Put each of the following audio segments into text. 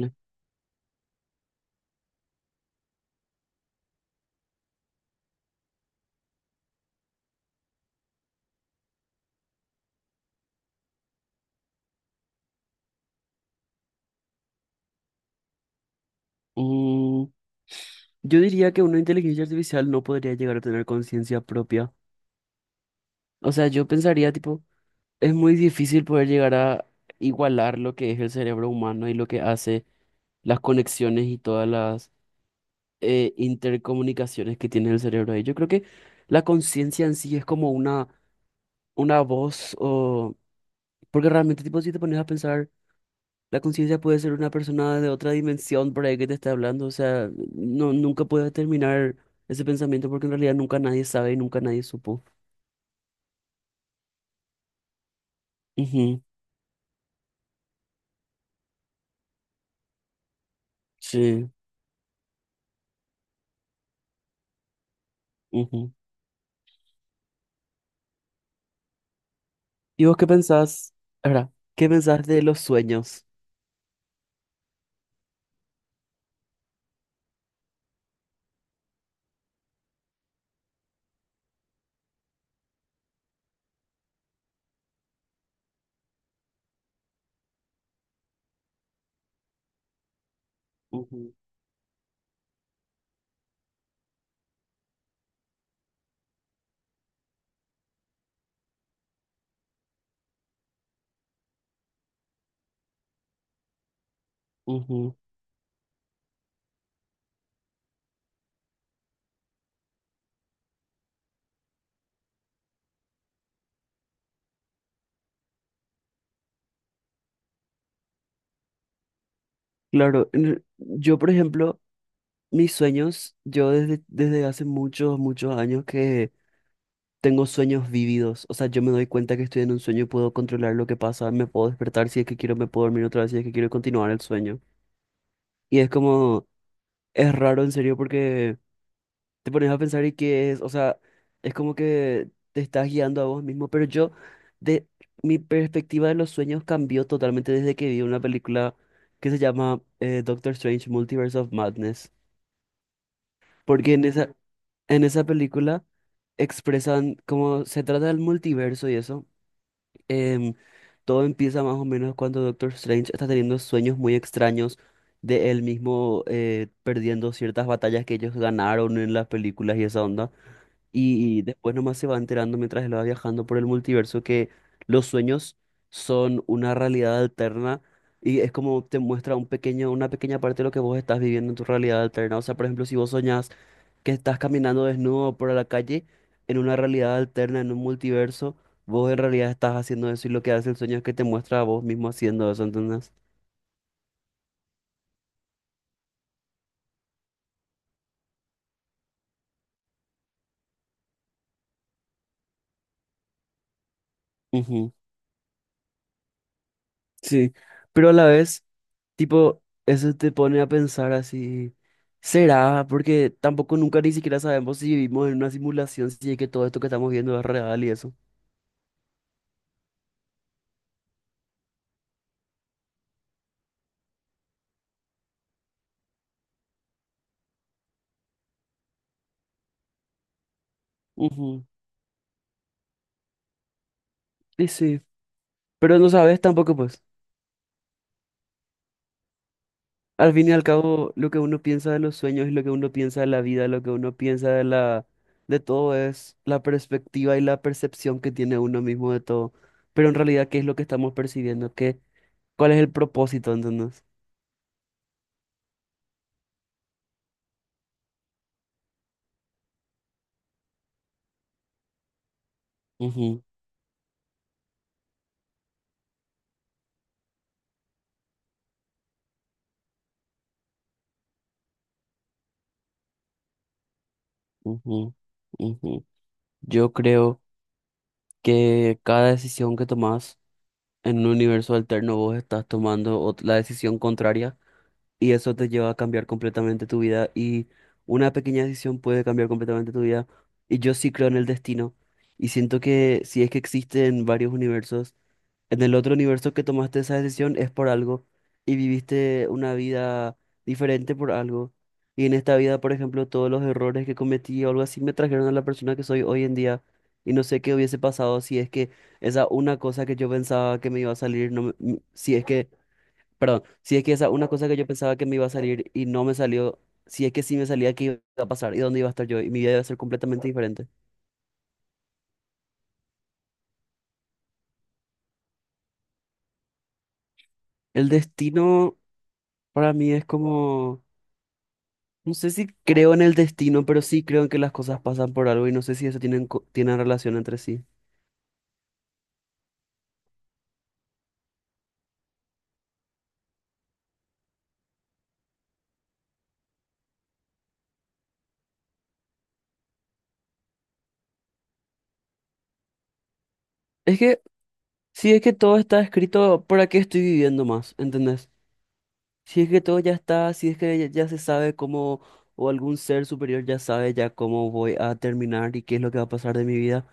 Mm, yo diría que una inteligencia artificial no podría llegar a tener conciencia propia. O sea, yo pensaría, tipo, es muy difícil poder llegar a igualar lo que es el cerebro humano y lo que hace las conexiones y todas las intercomunicaciones que tiene el cerebro ahí. Yo creo que la conciencia en sí es como una voz o... Porque realmente, tipo, si te pones a pensar... La conciencia puede ser una persona de otra dimensión por ahí que te está hablando, o sea, no, nunca puedes terminar ese pensamiento porque en realidad nunca nadie sabe y nunca nadie supo. Ujú, sí, ujú. ¿Y vos qué pensás? Ahora, ¿qué pensás de los sueños? Ujú, ujú. Claro, yo por ejemplo, mis sueños, yo desde hace muchos, muchos años que tengo sueños vívidos, o sea, yo me doy cuenta que estoy en un sueño y puedo controlar lo que pasa, me puedo despertar si es que quiero, me puedo dormir otra vez si es que quiero y continuar el sueño. Y es como, es raro en serio porque te pones a pensar y qué es, o sea, es como que te estás guiando a vos mismo, pero yo, de mi perspectiva de los sueños cambió totalmente desde que vi una película que se llama Doctor Strange Multiverse of Madness, porque en esa, en esa película expresan cómo se trata del multiverso y eso, em, todo empieza más o menos cuando Doctor Strange está teniendo sueños muy extraños de él mismo perdiendo ciertas batallas que ellos ganaron en las películas y esa onda. Y después nomás se va enterando mientras él va viajando por el multiverso que los sueños son una realidad alterna y es como te muestra una pequeña parte de lo que vos estás viviendo en tu realidad alterna. O sea, por ejemplo, si vos soñás que estás caminando desnudo por la calle en una realidad alterna, en un multiverso, vos en realidad estás haciendo eso y lo que hace el sueño es que te muestra a vos mismo haciendo eso, ¿entendés? Ujú, sí, pero a la vez, tipo, eso te pone a pensar así, ¿será? Porque tampoco nunca ni siquiera sabemos si vivimos en una simulación, si es que todo esto que estamos viendo es real y eso. Ujú, y sí, pero no sabes tampoco, pues. Al fin y al cabo, lo que uno piensa de los sueños y lo que uno piensa de la vida, lo que uno piensa de todo es la perspectiva y la percepción que tiene uno mismo de todo. Pero en realidad, ¿qué es lo que estamos percibiendo? ¿Cuál es el propósito, entonces? Ujú, ujú, ujú. Yo creo que cada decisión que tomás en un universo alterno vos estás tomando la decisión contraria y eso te lleva a cambiar completamente tu vida y una pequeña decisión puede cambiar completamente tu vida y yo sí creo en el destino y siento que si es que existen varios universos, en el otro universo que tomaste esa decisión es por algo y viviste una vida diferente por algo y en esta vida, por ejemplo, todos los errores que cometí o algo así me trajeron a la persona que soy hoy en día. Y no sé qué hubiese pasado si es que esa una cosa que yo pensaba que me iba a salir, si es que... Perdón, si es que esa una cosa que yo pensaba que me iba a salir y no me salió, si es que sí me salía, ¿qué iba a pasar? ¿Y dónde iba a estar yo? Y mi vida iba a ser completamente diferente. El destino para mí es como, no sé si creo en el destino, pero sí creo en que las cosas pasan por algo y no sé si eso tienen, tienen relación entre sí. Es que, si es que todo está escrito, ¿para qué estoy viviendo más? ¿Entendés? Si es que todo ya está, si es que ya, ya se sabe cómo, o algún ser superior ya sabe ya cómo voy a terminar y qué es lo que va a pasar de mi vida.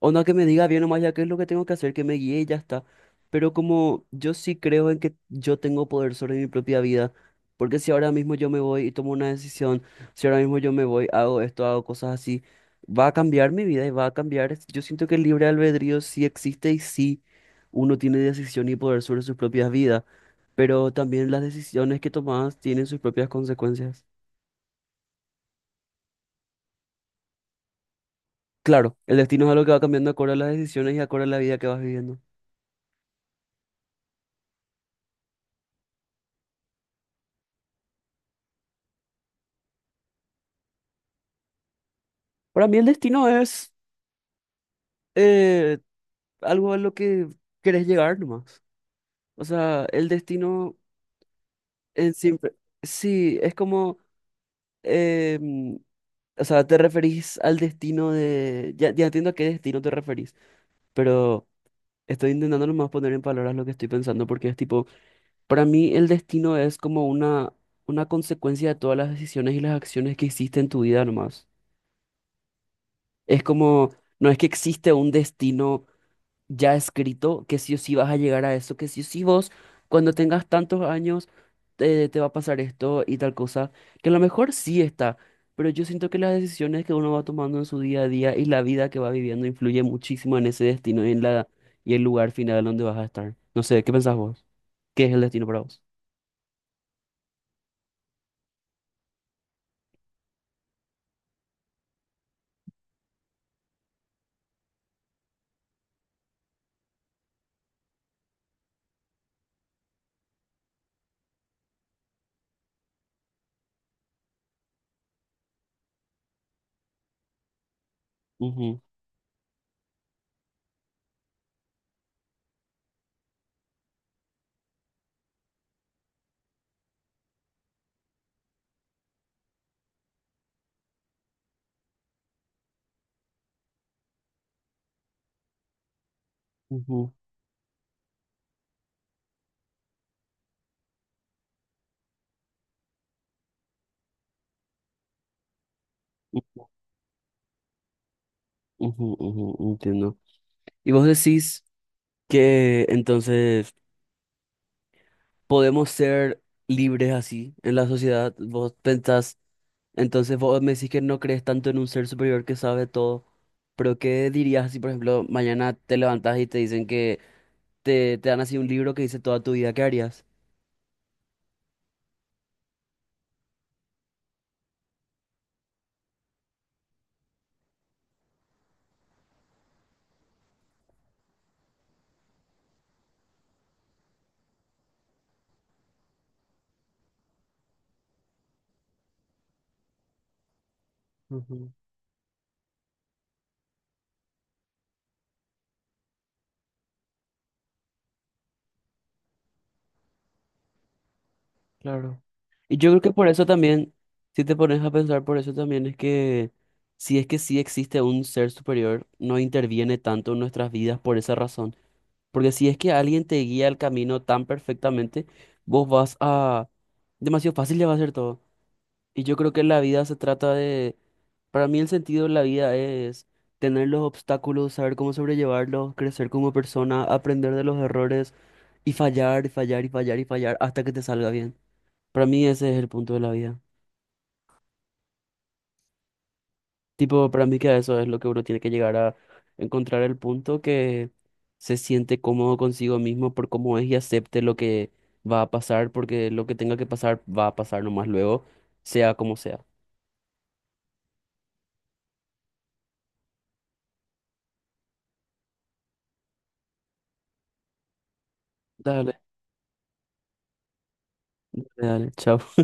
Onda que me diga bien nomás ya qué es lo que tengo que hacer, que me guíe y ya está. Pero como yo sí creo en que yo tengo poder sobre mi propia vida, porque si ahora mismo yo me voy y tomo una decisión, si ahora mismo yo me voy, hago esto, hago cosas así, va a cambiar mi vida y va a cambiar. Yo siento que el libre albedrío sí existe y sí uno tiene decisión y poder sobre sus propias vidas, pero también las decisiones que tomas tienen sus propias consecuencias. Claro, el destino es algo que va cambiando acorde a las decisiones y acorde a la vida que vas viviendo. Para mí el destino es eh, algo a lo que querés llegar nomás. O sea, el destino en siempre. Sí, es como. em, o sea, te referís al destino de. Ya, ya entiendo a qué destino te referís, pero estoy intentando nomás poner en palabras lo que estoy pensando, porque es tipo. Para mí, el destino es como una consecuencia de todas las decisiones y las acciones que hiciste en tu vida nomás. Es como. No es que existe un destino ya escrito que sí o sí vas a llegar a eso, que sí o sí vos, cuando tengas tantos años, te va a pasar esto y tal cosa, que a lo mejor sí está, pero yo siento que las decisiones que uno va tomando en su día a día y la vida que va viviendo influye muchísimo en ese destino y en la, y el lugar final donde vas a estar. No sé, ¿qué pensás vos? ¿Qué es el destino para vos? Ujú, ujú, u- ujú, ujú, entiendo. Y vos decís que entonces podemos ser libres así en la sociedad. Vos pensás, entonces vos me decís que no crees tanto en un ser superior que sabe todo, pero ¿qué dirías si, por ejemplo, mañana te levantás y te dicen que te dan así un libro que dice toda tu vida, ¿qué harías? Ujú, claro. Y yo creo que por eso también, si te pones a pensar, por eso también es que si es que sí existe un ser superior, no interviene tanto en nuestras vidas por esa razón. Porque si es que alguien te guía el camino tan perfectamente, vos vas a... Demasiado fácil le va a ser todo. Y yo creo que la vida se trata de... Para mí el sentido de la vida es tener los obstáculos, saber cómo sobrellevarlos, crecer como persona, aprender de los errores y fallar y fallar y fallar y fallar hasta que te salga bien. Para mí ese es el punto de la vida. Tipo, para mí que eso es lo que uno tiene que llegar a encontrar el punto que se siente cómodo consigo mismo por cómo es y acepte lo que va a pasar, porque lo que tenga que pasar va a pasar nomás luego, sea como sea. Dale, dale, chao.